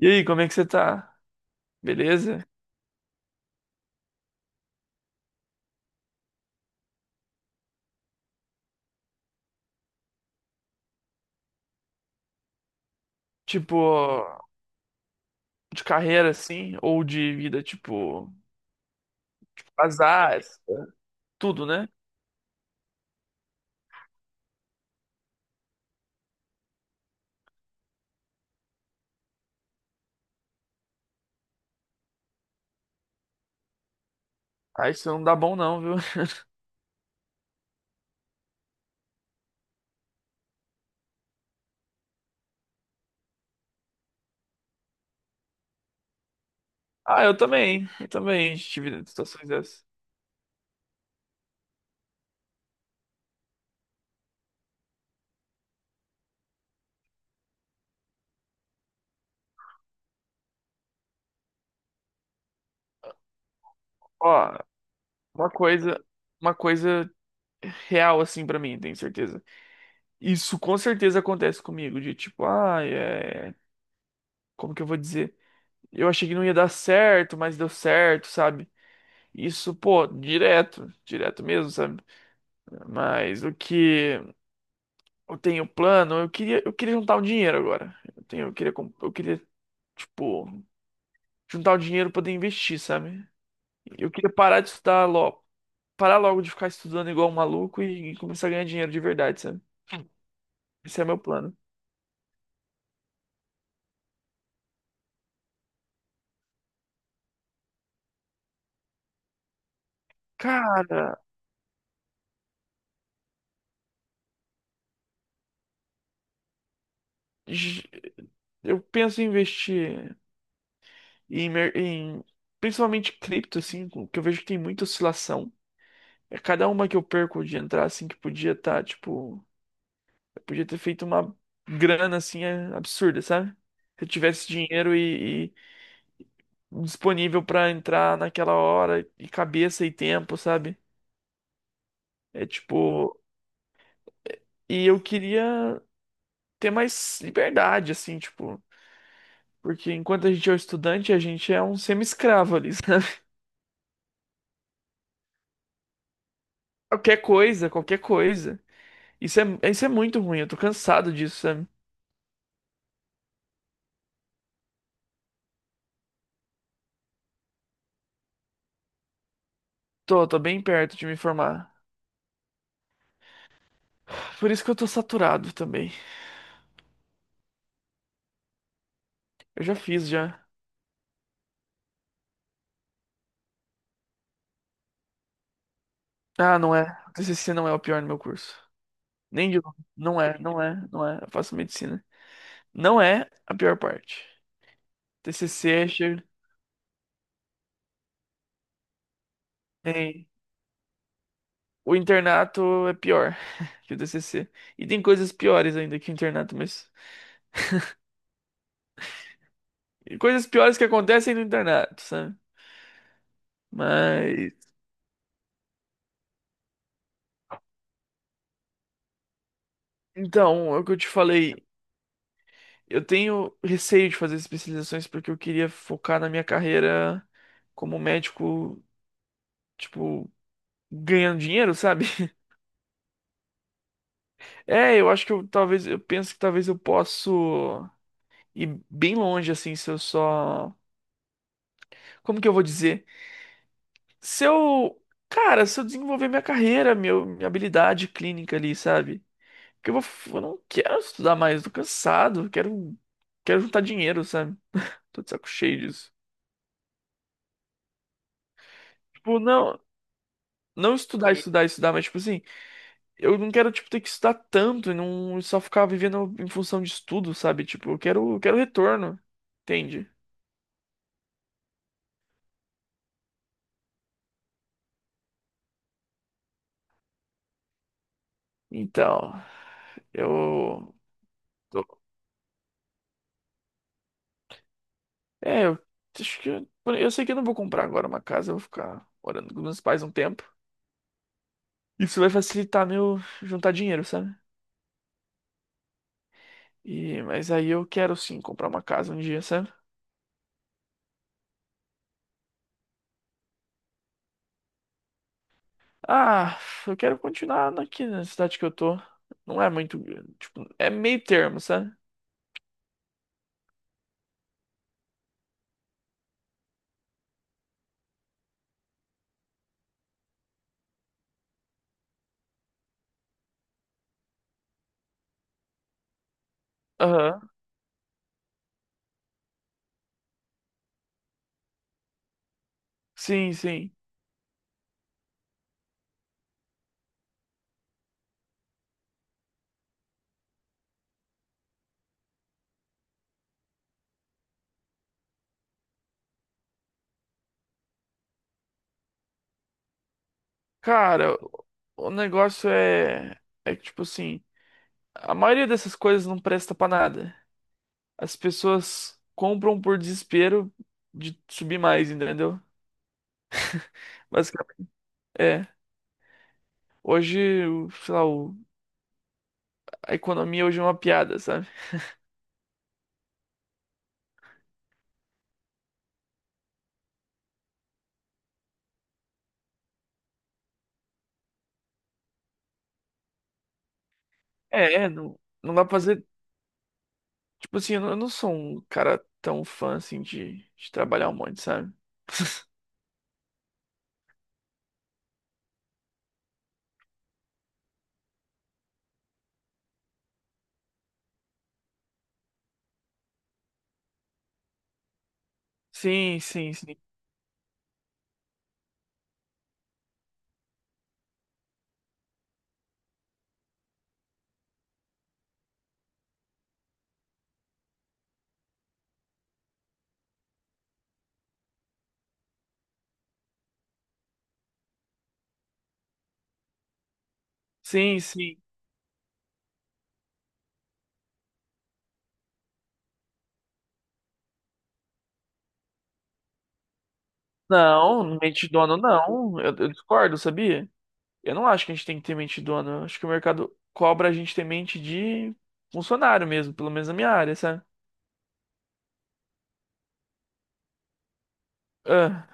E aí, como é que você tá? Beleza? Tipo, de carreira assim, ou de vida, tipo, azar, tudo, né? Ah, isso não dá bom não, viu? Ah, eu também, tive situações dessas. Ó, uma coisa, uma coisa real assim pra mim, tenho certeza. Isso com certeza acontece comigo, de tipo, ah, é... Como que eu vou dizer? Eu achei que não ia dar certo, mas deu certo, sabe? Isso, pô, direto, direto mesmo, sabe? Mas o que... Eu tenho plano, eu queria juntar o dinheiro agora. Eu tenho, eu queria, eu queria, tipo, juntar o dinheiro pra poder investir, sabe? Eu queria parar de estudar logo, parar logo de ficar estudando igual um maluco e começar a ganhar dinheiro de verdade, sabe? Esse é meu plano. Cara, j- eu penso em investir em, principalmente cripto, assim, que eu vejo que tem muita oscilação. É cada uma que eu perco de entrar, assim, que podia estar, tipo. Podia ter feito uma grana assim é, absurda, sabe? Se eu tivesse dinheiro e disponível pra entrar naquela hora, e cabeça e tempo, sabe? É tipo. E eu queria ter mais liberdade, assim, tipo. Porque enquanto a gente é um estudante, a gente é um semi-escravo ali, sabe? Qualquer coisa, qualquer coisa. Isso é muito ruim, eu tô cansado disso, sabe? Tô, tô bem perto de me formar. Por isso que eu tô saturado também. Eu já fiz já. Ah, não é. O TCC não é o pior no meu curso. Nem de digo, não é. Eu faço medicina. Não é a pior parte. TCC é cheio. Tem. O internato é pior que o TCC. E tem coisas piores ainda que o internato, mas. E coisas piores que acontecem no internato, sabe? Mas. Então, é o que eu te falei. Eu tenho receio de fazer especializações porque eu queria focar na minha carreira como médico, tipo, ganhando dinheiro, sabe? É, eu acho que eu talvez. Eu penso que talvez eu possa. E bem longe, assim, se eu só. Como que eu vou dizer? Se eu. Cara, se eu desenvolver minha carreira, minha habilidade clínica ali, sabe? Porque eu vou. Eu não quero estudar mais, tô cansado, quero. Quero juntar dinheiro, sabe? Tô de saco cheio disso. Tipo, não. Não estudar, estudar, estudar, mas tipo assim, eu não quero, tipo, ter que estudar tanto e não só ficar vivendo em função de estudo, sabe? Tipo, eu quero retorno, entende? Então, eu tô... É, eu acho que eu sei que eu não vou comprar agora uma casa, eu vou ficar morando com meus pais um tempo. Isso vai facilitar meu juntar dinheiro, sabe? E mas aí eu quero sim comprar uma casa um dia, sabe? Ah, eu quero continuar aqui na cidade que eu tô. Não é muito, tipo, é meio termo, sabe? Aham. Sim, sim. Cara, o negócio é que tipo assim, a maioria dessas coisas não presta pra nada. As pessoas compram por desespero de subir mais, entendeu? Mas é, hoje, a economia hoje é uma piada, sabe? É, é, não, não dá pra fazer. Tipo assim, eu não sou um cara tão fã assim de trabalhar um monte, sabe? Sim, sim, sim. Sim, sim. Não, mente dono não. Eu discordo, sabia? Eu não acho que a gente tem que ter mente dono. Eu acho que o mercado cobra a gente ter mente de funcionário mesmo, pelo menos na minha área, sabe? Ah,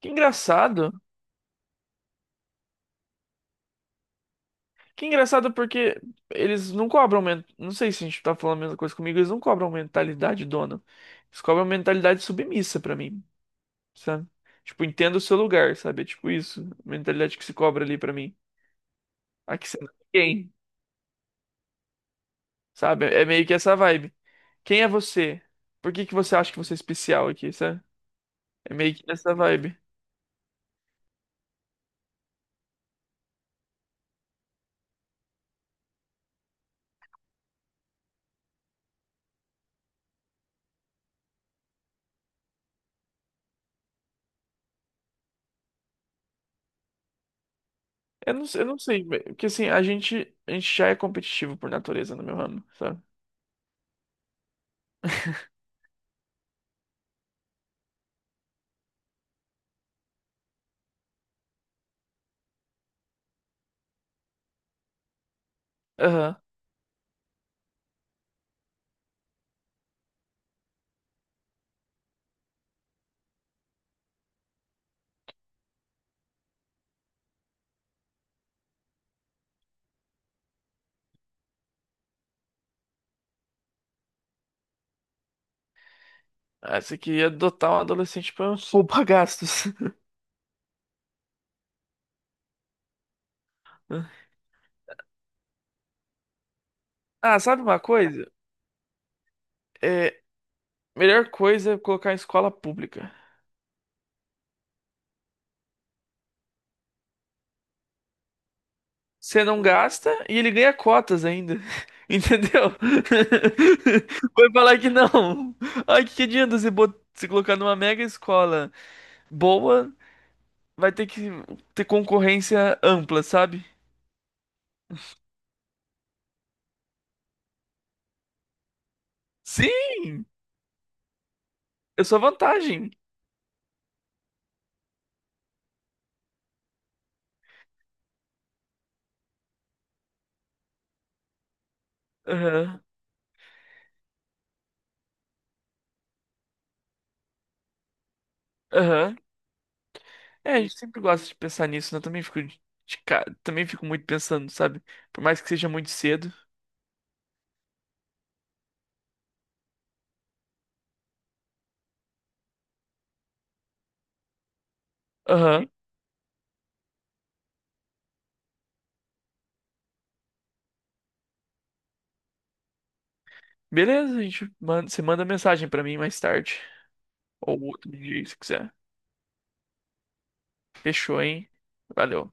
que engraçado. Que engraçado porque eles não cobram. Men- não sei se a gente tá falando a mesma coisa comigo, eles não cobram mentalidade dona. Eles cobram mentalidade submissa pra mim, sabe? Tipo, entenda o seu lugar, sabe? É tipo isso. A mentalidade que se cobra ali pra mim. Aqui você não é ninguém, sabe? É meio que essa vibe. Quem é você? Por que que você acha que você é especial aqui, sabe? É meio que essa vibe. Eu não sei, mas- porque assim, a gente já é competitivo por natureza no meu ramo, sabe? Aham. Ah, essa aqui ia adotar um adolescente pra poupa gastos. Ah, sabe uma coisa? É, melhor coisa é colocar em escola pública. Você não gasta e ele ganha cotas ainda. Entendeu? Vai falar que não. Ai, que adianta você se colocar numa mega escola boa, vai ter que ter concorrência ampla, sabe? Sim! Eu sou a vantagem. Aham, aham. É, a gente sempre gosta de pensar nisso, né? Eu também fico também fico muito pensando, sabe? Por mais que seja muito cedo. Aham. Beleza, você manda mensagem pra mim mais tarde. Ou outro dia, se quiser. Fechou, hein? Valeu.